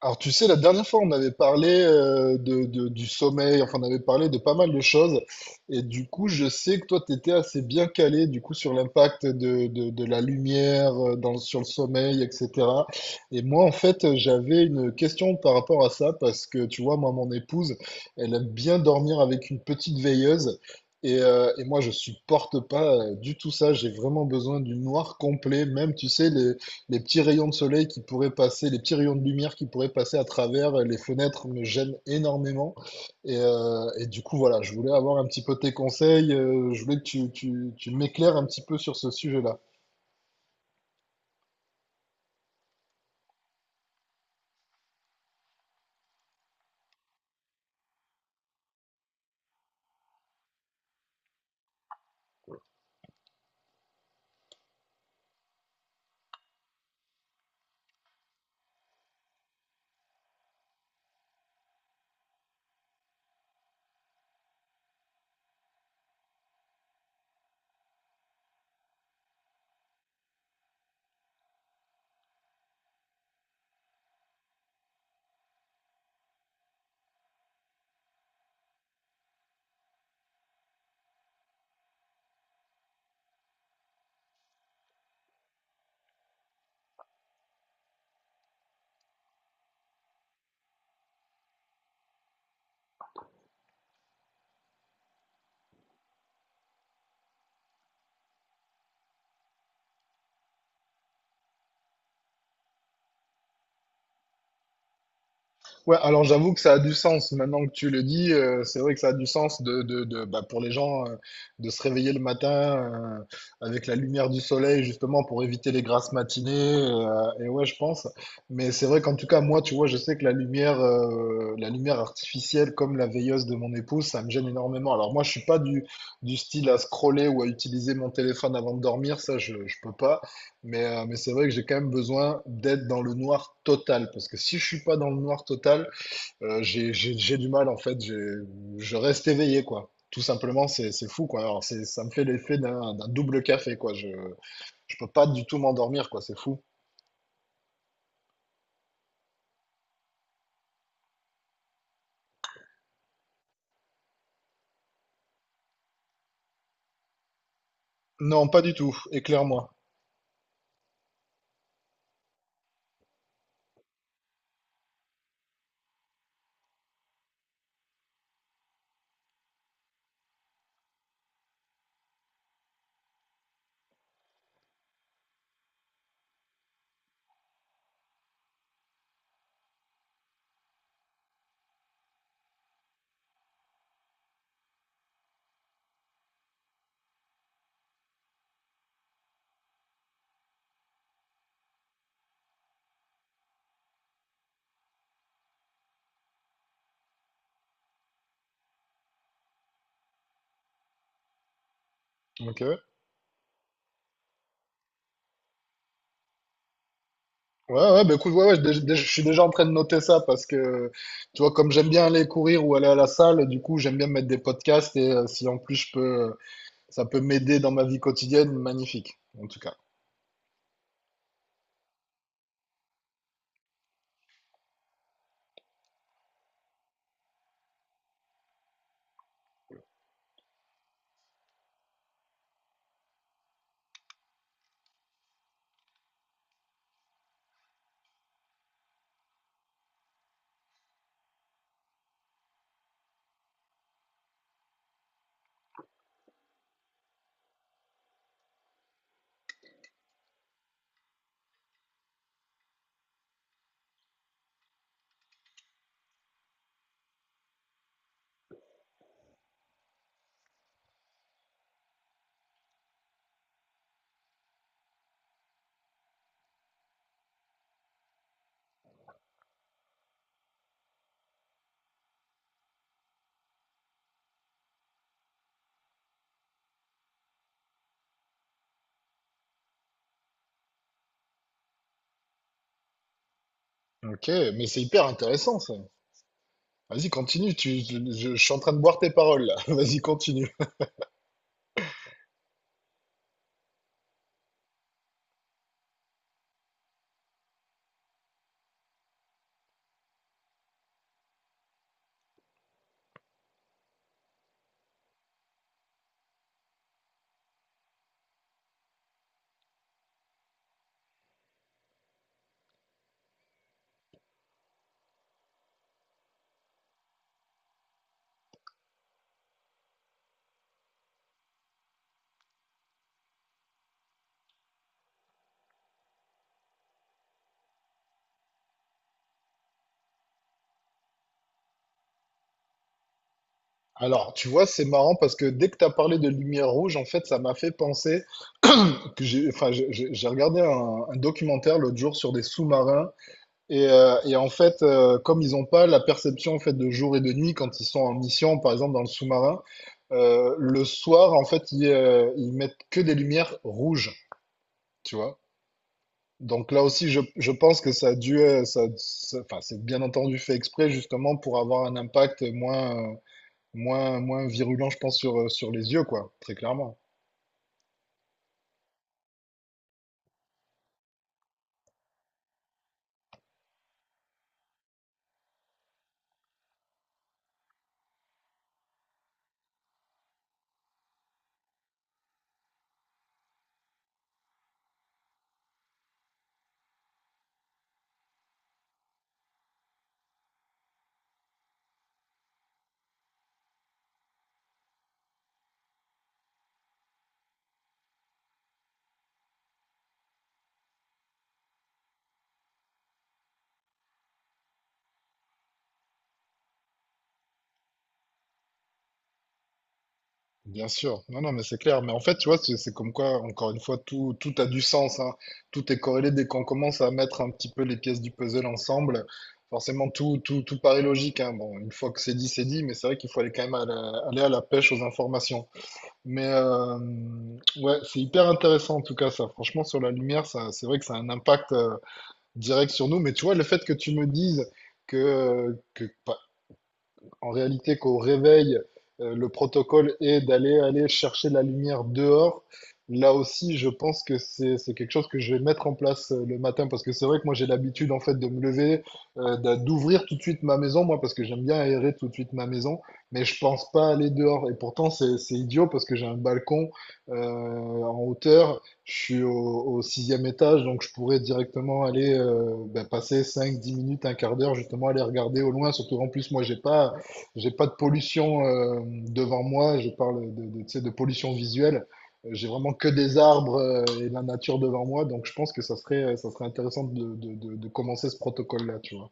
Alors, tu sais, la dernière fois, on avait parlé du sommeil, enfin, on avait parlé de pas mal de choses. Et du coup, je sais que toi, tu étais assez bien calé, du coup, sur l'impact de la lumière dans, sur le sommeil, etc. Et moi, en fait, j'avais une question par rapport à ça, parce que, tu vois, moi, mon épouse, elle aime bien dormir avec une petite veilleuse. Et moi, je supporte pas du tout ça. J'ai vraiment besoin du noir complet. Même, tu sais, les petits rayons de soleil qui pourraient passer, les petits rayons de lumière qui pourraient passer à travers les fenêtres me gênent énormément. Et du coup, voilà, je voulais avoir un petit peu tes conseils. Je voulais que tu m'éclaires un petit peu sur ce sujet-là. Ouais, alors j'avoue que ça a du sens. Maintenant que tu le dis, c'est vrai que ça a du sens bah, pour les gens de se réveiller le matin avec la lumière du soleil, justement pour éviter les grasses matinées. Et ouais, je pense. Mais c'est vrai qu'en tout cas, moi, tu vois, je sais que la lumière artificielle, comme la veilleuse de mon épouse, ça me gêne énormément. Alors moi, je suis pas du style à scroller ou à utiliser mon téléphone avant de dormir. Ça, je peux pas. Mais c'est vrai que j'ai quand même besoin d'être dans le noir total. Parce que si je suis pas dans le noir total, j'ai du mal en fait, je reste éveillé quoi. Tout simplement, c'est fou quoi. Alors, ça me fait l'effet d'un double café quoi. Je peux pas du tout m'endormir quoi, c'est fou. Non, pas du tout, éclaire-moi. Ok. Ouais, ouais, bah écoute, ouais, ouais, je suis déjà en train de noter ça parce que, tu vois, comme j'aime bien aller courir ou aller à la salle, du coup, j'aime bien mettre des podcasts et si en plus je peux, ça peut m'aider dans ma vie quotidienne, magnifique, en tout cas. Ok, mais c'est hyper intéressant ça. Vas-y, continue, je suis en train de boire tes paroles là. Vas-y, continue. Alors, tu vois, c'est marrant parce que dès que tu as parlé de lumière rouge, en fait, ça m'a fait penser que j'ai, enfin, j'ai regardé un documentaire l'autre jour sur des sous-marins et en fait, comme ils n'ont pas la perception en fait de jour et de nuit quand ils sont en mission, par exemple dans le sous-marin, le soir, en fait, ils mettent que des lumières rouges. Tu vois. Donc là aussi, je pense que ça a dû, enfin, c'est bien entendu fait exprès justement pour avoir un impact moins virulent, je pense, sur, sur les yeux, quoi, très clairement. Bien sûr. Non, non, mais c'est clair. Mais en fait, tu vois, c'est comme quoi, encore une fois, tout a du sens, hein. Tout est corrélé dès qu'on commence à mettre un petit peu les pièces du puzzle ensemble. Forcément, tout paraît logique, hein. Bon, une fois que c'est dit, mais c'est vrai qu'il faut aller quand même aller à la pêche aux informations. Mais ouais, c'est hyper intéressant en tout cas ça. Franchement, sur la lumière, ça, c'est vrai que ça a un impact direct sur nous. Mais tu vois, le fait que tu me dises que en réalité, qu'au réveil, le protocole est d'aller aller chercher la lumière dehors. Là aussi, je pense que c'est quelque chose que je vais mettre en place le matin parce que c'est vrai que moi j'ai l'habitude en fait de me lever, d'ouvrir tout de suite ma maison, moi parce que j'aime bien aérer tout de suite ma maison, mais je pense pas aller dehors. Et pourtant c'est idiot parce que j'ai un balcon euh, en hauteur, je suis au sixième étage, donc je pourrais directement aller ben, passer 5 10 minutes, un quart d'heure justement aller regarder au loin. Surtout en plus moi j'ai pas de pollution devant moi, je parle tu sais, de pollution visuelle. J'ai vraiment que des arbres et de la nature devant moi, donc je pense que ça serait intéressant de commencer ce protocole-là, tu vois.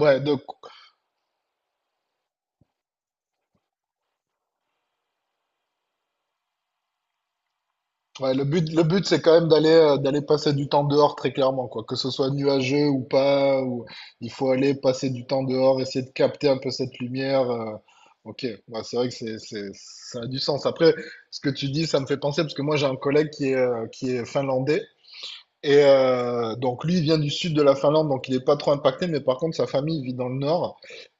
Ouais, donc, ouais, le but, c'est quand même d'aller, d'aller passer du temps dehors très clairement, quoi. Que ce soit nuageux ou pas, ou il faut aller passer du temps dehors, essayer de capter un peu cette lumière. Ok, ouais, c'est vrai que ça a du sens. Après, ce que tu dis, ça me fait penser parce que moi, j'ai un collègue qui est finlandais. Et donc lui, il vient du sud de la Finlande, donc il est pas trop impacté, mais par contre, sa famille vit dans le nord.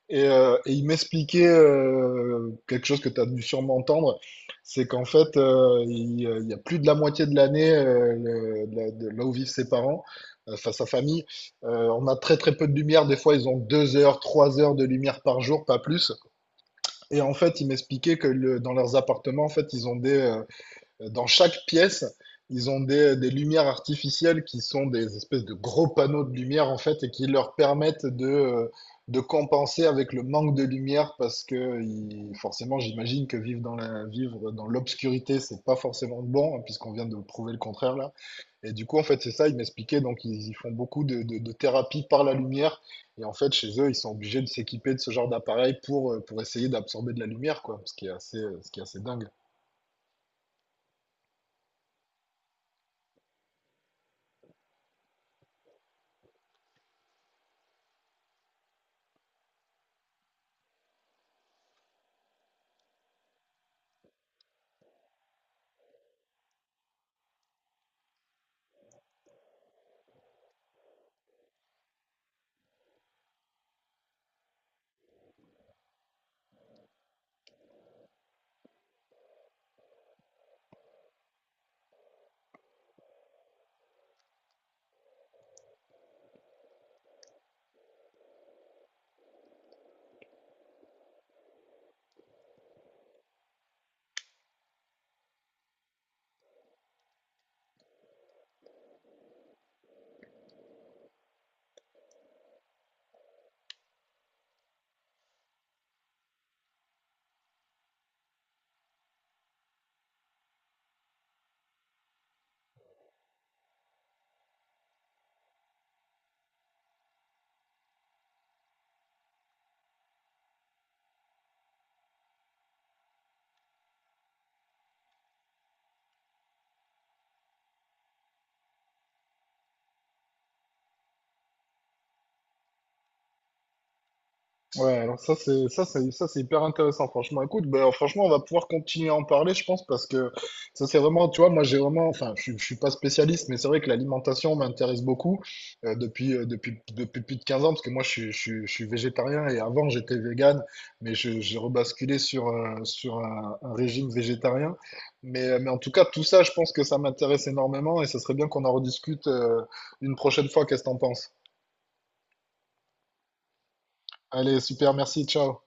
Et il m'expliquait quelque chose que tu as dû sûrement entendre, c'est qu'en fait, il y a plus de la moitié de l'année, de là où vivent ses parents, enfin sa famille, on a très très peu de lumière. Des fois, ils ont 2 heures, 3 heures de lumière par jour, pas plus. Et en fait, il m'expliquait dans leurs appartements, en fait, dans chaque pièce, ils ont des lumières artificielles qui sont des espèces de gros panneaux de lumière en fait et qui leur permettent de compenser avec le manque de lumière parce que forcément, j'imagine que vivre vivre dans l'obscurité, c'est pas forcément bon hein, puisqu'on vient de prouver le contraire là. Et du coup, en fait, c'est ça, ils m'expliquaient donc ils font beaucoup de thérapie par la lumière et en fait, chez eux, ils sont obligés de s'équiper de ce genre d'appareil pour essayer d'absorber de la lumière quoi, ce qui est assez dingue. Ouais, alors ça c'est hyper intéressant franchement. Écoute, ben franchement on va pouvoir continuer à en parler je pense parce que ça c'est vraiment tu vois moi j'ai vraiment enfin je suis pas spécialiste mais c'est vrai que l'alimentation m'intéresse beaucoup depuis plus de 15 ans parce que moi je suis végétarien et avant j'étais végane mais j'ai rebasculé sur un régime végétarien. Mais en tout cas tout ça je pense que ça m'intéresse énormément et ça serait bien qu'on en rediscute une prochaine fois. Qu'est-ce que t'en penses? Allez, super, merci, ciao.